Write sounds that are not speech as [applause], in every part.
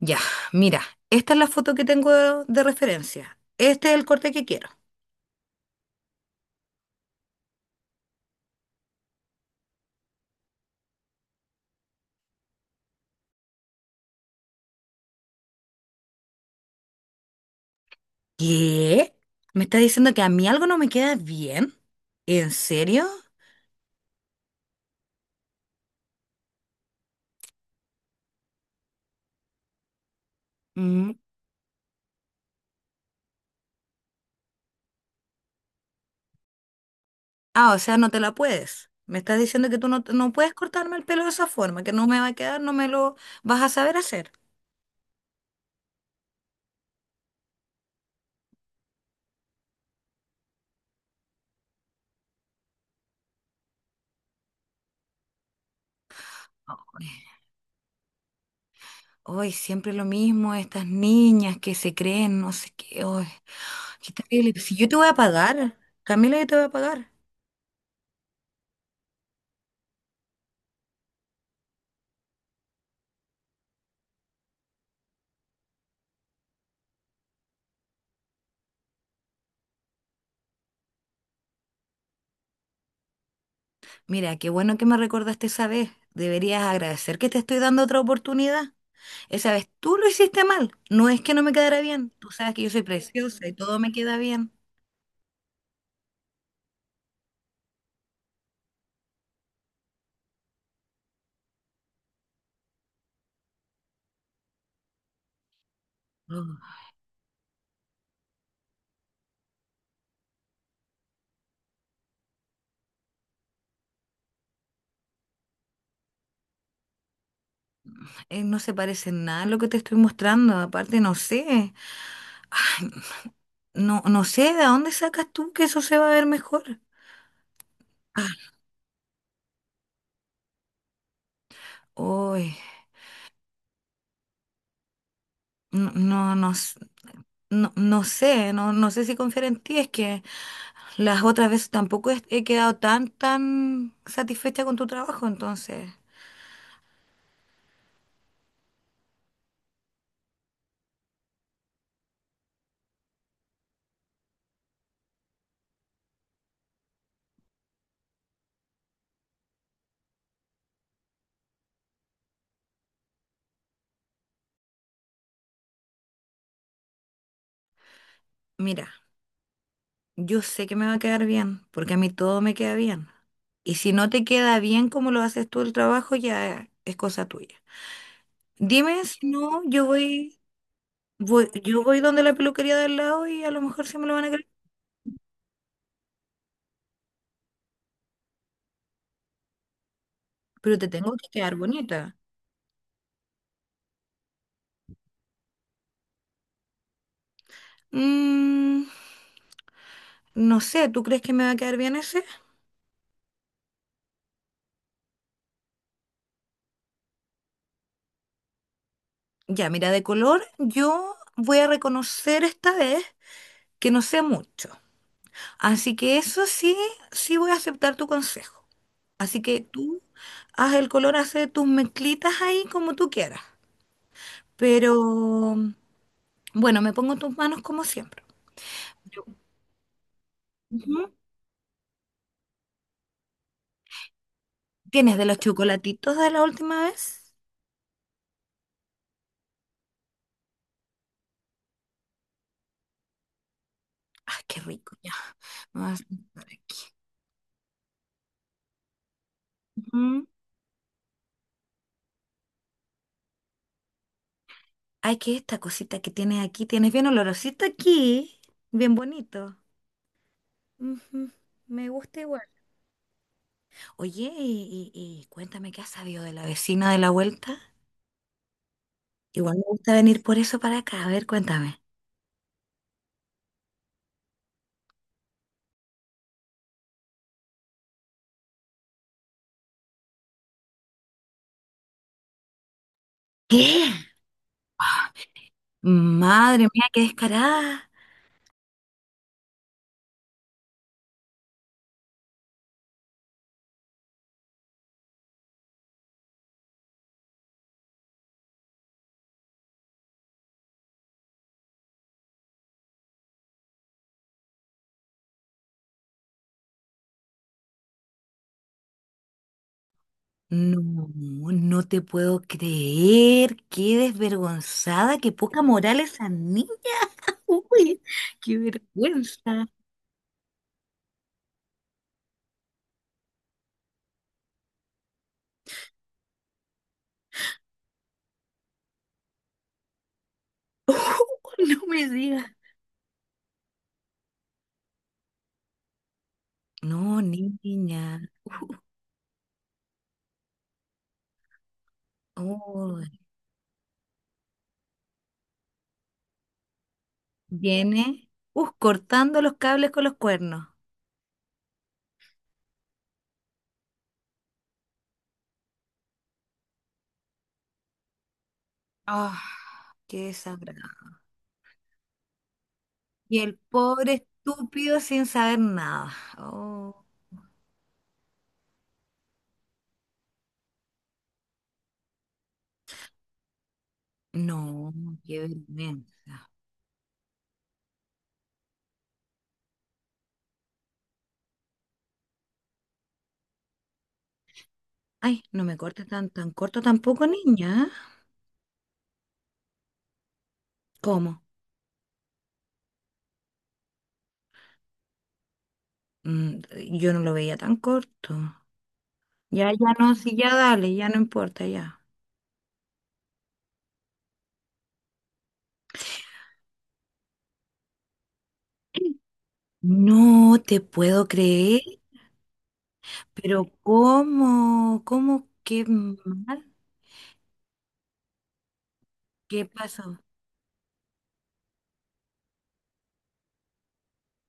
Ya, mira, esta es la foto que tengo de referencia. Este es el corte que quiero. ¿Qué? ¿Me está diciendo que a mí algo no me queda bien? ¿En serio? Mm. Ah, o sea, no te la puedes. Me estás diciendo que tú no puedes cortarme el pelo de esa forma, que no me va a quedar, no me lo vas a saber hacer. Ay, ay, siempre lo mismo, estas niñas que se creen, no sé qué. Ay, qué terrible. Si yo te voy a pagar, Camila, yo te voy a pagar. Mira, qué bueno que me recordaste esa vez. Deberías agradecer que te estoy dando otra oportunidad. Esa vez tú lo hiciste mal. No es que no me quedara bien. Tú sabes que yo soy preciosa y todo me queda bien. Mm. No se parece en nada a lo que te estoy mostrando. Aparte, no sé. Ay, no sé de dónde sacas tú que eso se va a ver mejor. Ah, uy, no, no, no, s- no, no sé si confiar en ti, es que las otras veces tampoco he quedado tan satisfecha con tu trabajo, entonces, mira, yo sé que me va a quedar bien, porque a mí todo me queda bien. Y si no te queda bien como lo haces tú el trabajo, ya es cosa tuya. Dime si no, yo voy donde la peluquería del lado y a lo mejor sí me lo van a creer. Pero te tengo que quedar bonita. Mm, no sé, ¿tú crees que me va a quedar bien ese? Ya, mira, de color yo voy a reconocer esta vez que no sé mucho. Así que eso sí, sí voy a aceptar tu consejo. Así que tú haz el color, hace tus mezclitas ahí como tú quieras. Pero bueno, me pongo en tus manos como siempre. Yo, ujú. ¿Tienes de los chocolatitos de la última vez? Ay, qué rico, ya. Me voy a sentar aquí. Ujú. Ay, que esta cosita que tienes aquí, tienes bien olorosito aquí, bien bonito. Ujú. Me gusta igual. Oye, y cuéntame qué has sabido de la vecina de la vuelta. Igual me gusta venir por eso para acá. A ver, cuéntame. ¿Qué? Madre mía, qué descarada. No, no te puedo creer. Qué desvergonzada, qué poca moral esa niña. [laughs] Uy, qué vergüenza. [laughs] No me digas. No, niña. Uy, viene, cortando los cables con los cuernos. Ah, qué desagradable. Y el pobre estúpido sin saber nada. Oh, no, qué vergüenza. Ay, no me cortes tan corto tampoco, niña. ¿Cómo? Mm, yo no lo veía tan corto. Ya, ya no, sí, ya dale, ya no importa, ya. [gasps] No te puedo creer, pero ¿cómo? ¿Cómo? ¿Qué mal? ¿Qué pasó?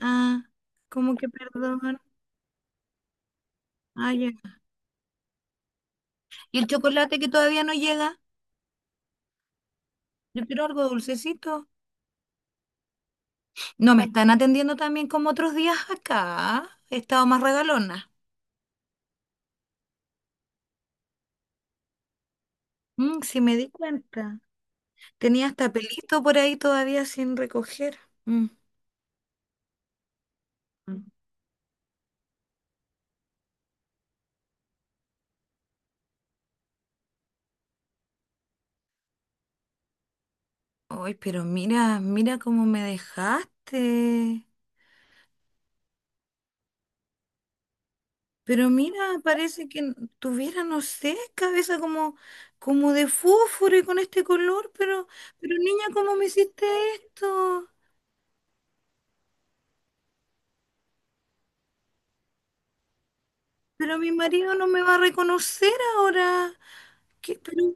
Ah, ¿cómo que perdón? Ah, ya. ¿Y el chocolate que todavía no llega? Yo quiero algo dulcecito. No me están atendiendo también como otros días acá. He estado más regalona. Mm, sí me di cuenta. Tenía hasta pelito por ahí todavía sin recoger. Mm. Mm. Ay, pero mira, mira cómo me dejaste. Pero mira, parece que tuviera, no sé, cabeza como, como de fósforo y con este color, pero niña, ¿cómo me hiciste esto? Pero mi marido no me va a reconocer ahora. ¿Qué? Pero,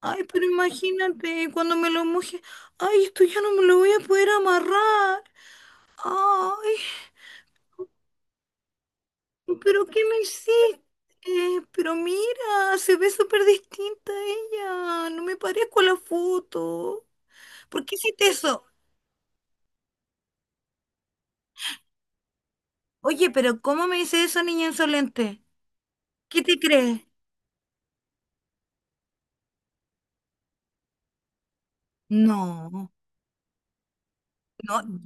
ay, pero imagínate, cuando me lo moje, ay, esto ya no me lo voy a poder amarrar. Ay. ¿Pero qué me hiciste? Pero mira, se ve súper distinta ella. No me parezco a la foto. ¿Por qué hiciste eso? Oye, pero ¿cómo me dice eso, niña insolente? ¿Qué te crees? No, no,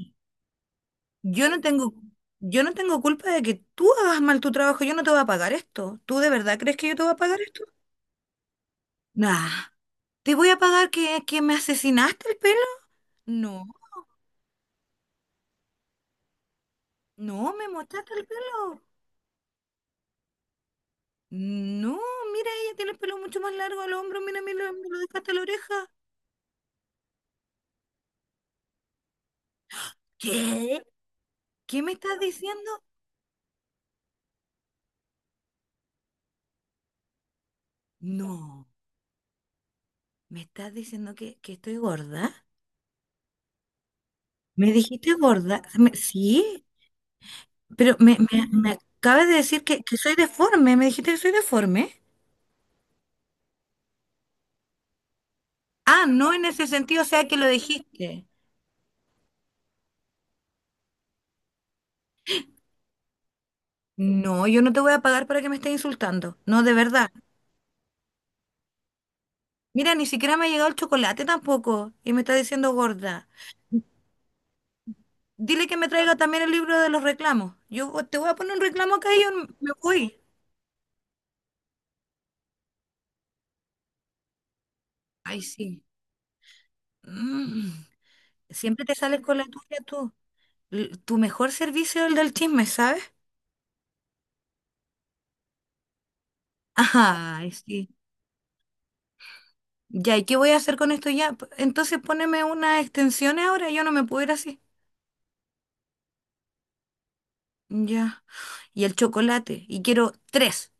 yo no tengo, yo no tengo culpa de que tú hagas mal tu trabajo. Yo no te voy a pagar esto. ¿Tú de verdad crees que yo te voy a pagar esto? Nah, ¿te voy a pagar que me asesinaste el pelo? No, no, me mostraste el pelo. No, mira, ella tiene el pelo mucho más largo al hombro, mira, me lo deja hasta la oreja. ¿Qué? ¿Qué me estás diciendo? No, ¿me estás diciendo que estoy gorda? ¿Me dijiste gorda? Sí, pero me acabas de decir que soy deforme, me dijiste que soy deforme. Ah, no en ese sentido, o sea que lo dijiste. No, yo no te voy a pagar para que me estés insultando. No, de verdad. Mira, ni siquiera me ha llegado el chocolate tampoco y me estás diciendo gorda. Dile que me traiga también el libro de los reclamos. Te voy a poner un reclamo acá y yo me voy. Ay, sí. Mm. Siempre te sales con la tuya tú. Tu mejor servicio es el del chisme, ¿sabes? Ay, sí. Ya, ¿y qué voy a hacer con esto ya? Entonces poneme unas extensiones ahora, yo no me puedo ir así. Ya. Y el chocolate. Y quiero tres.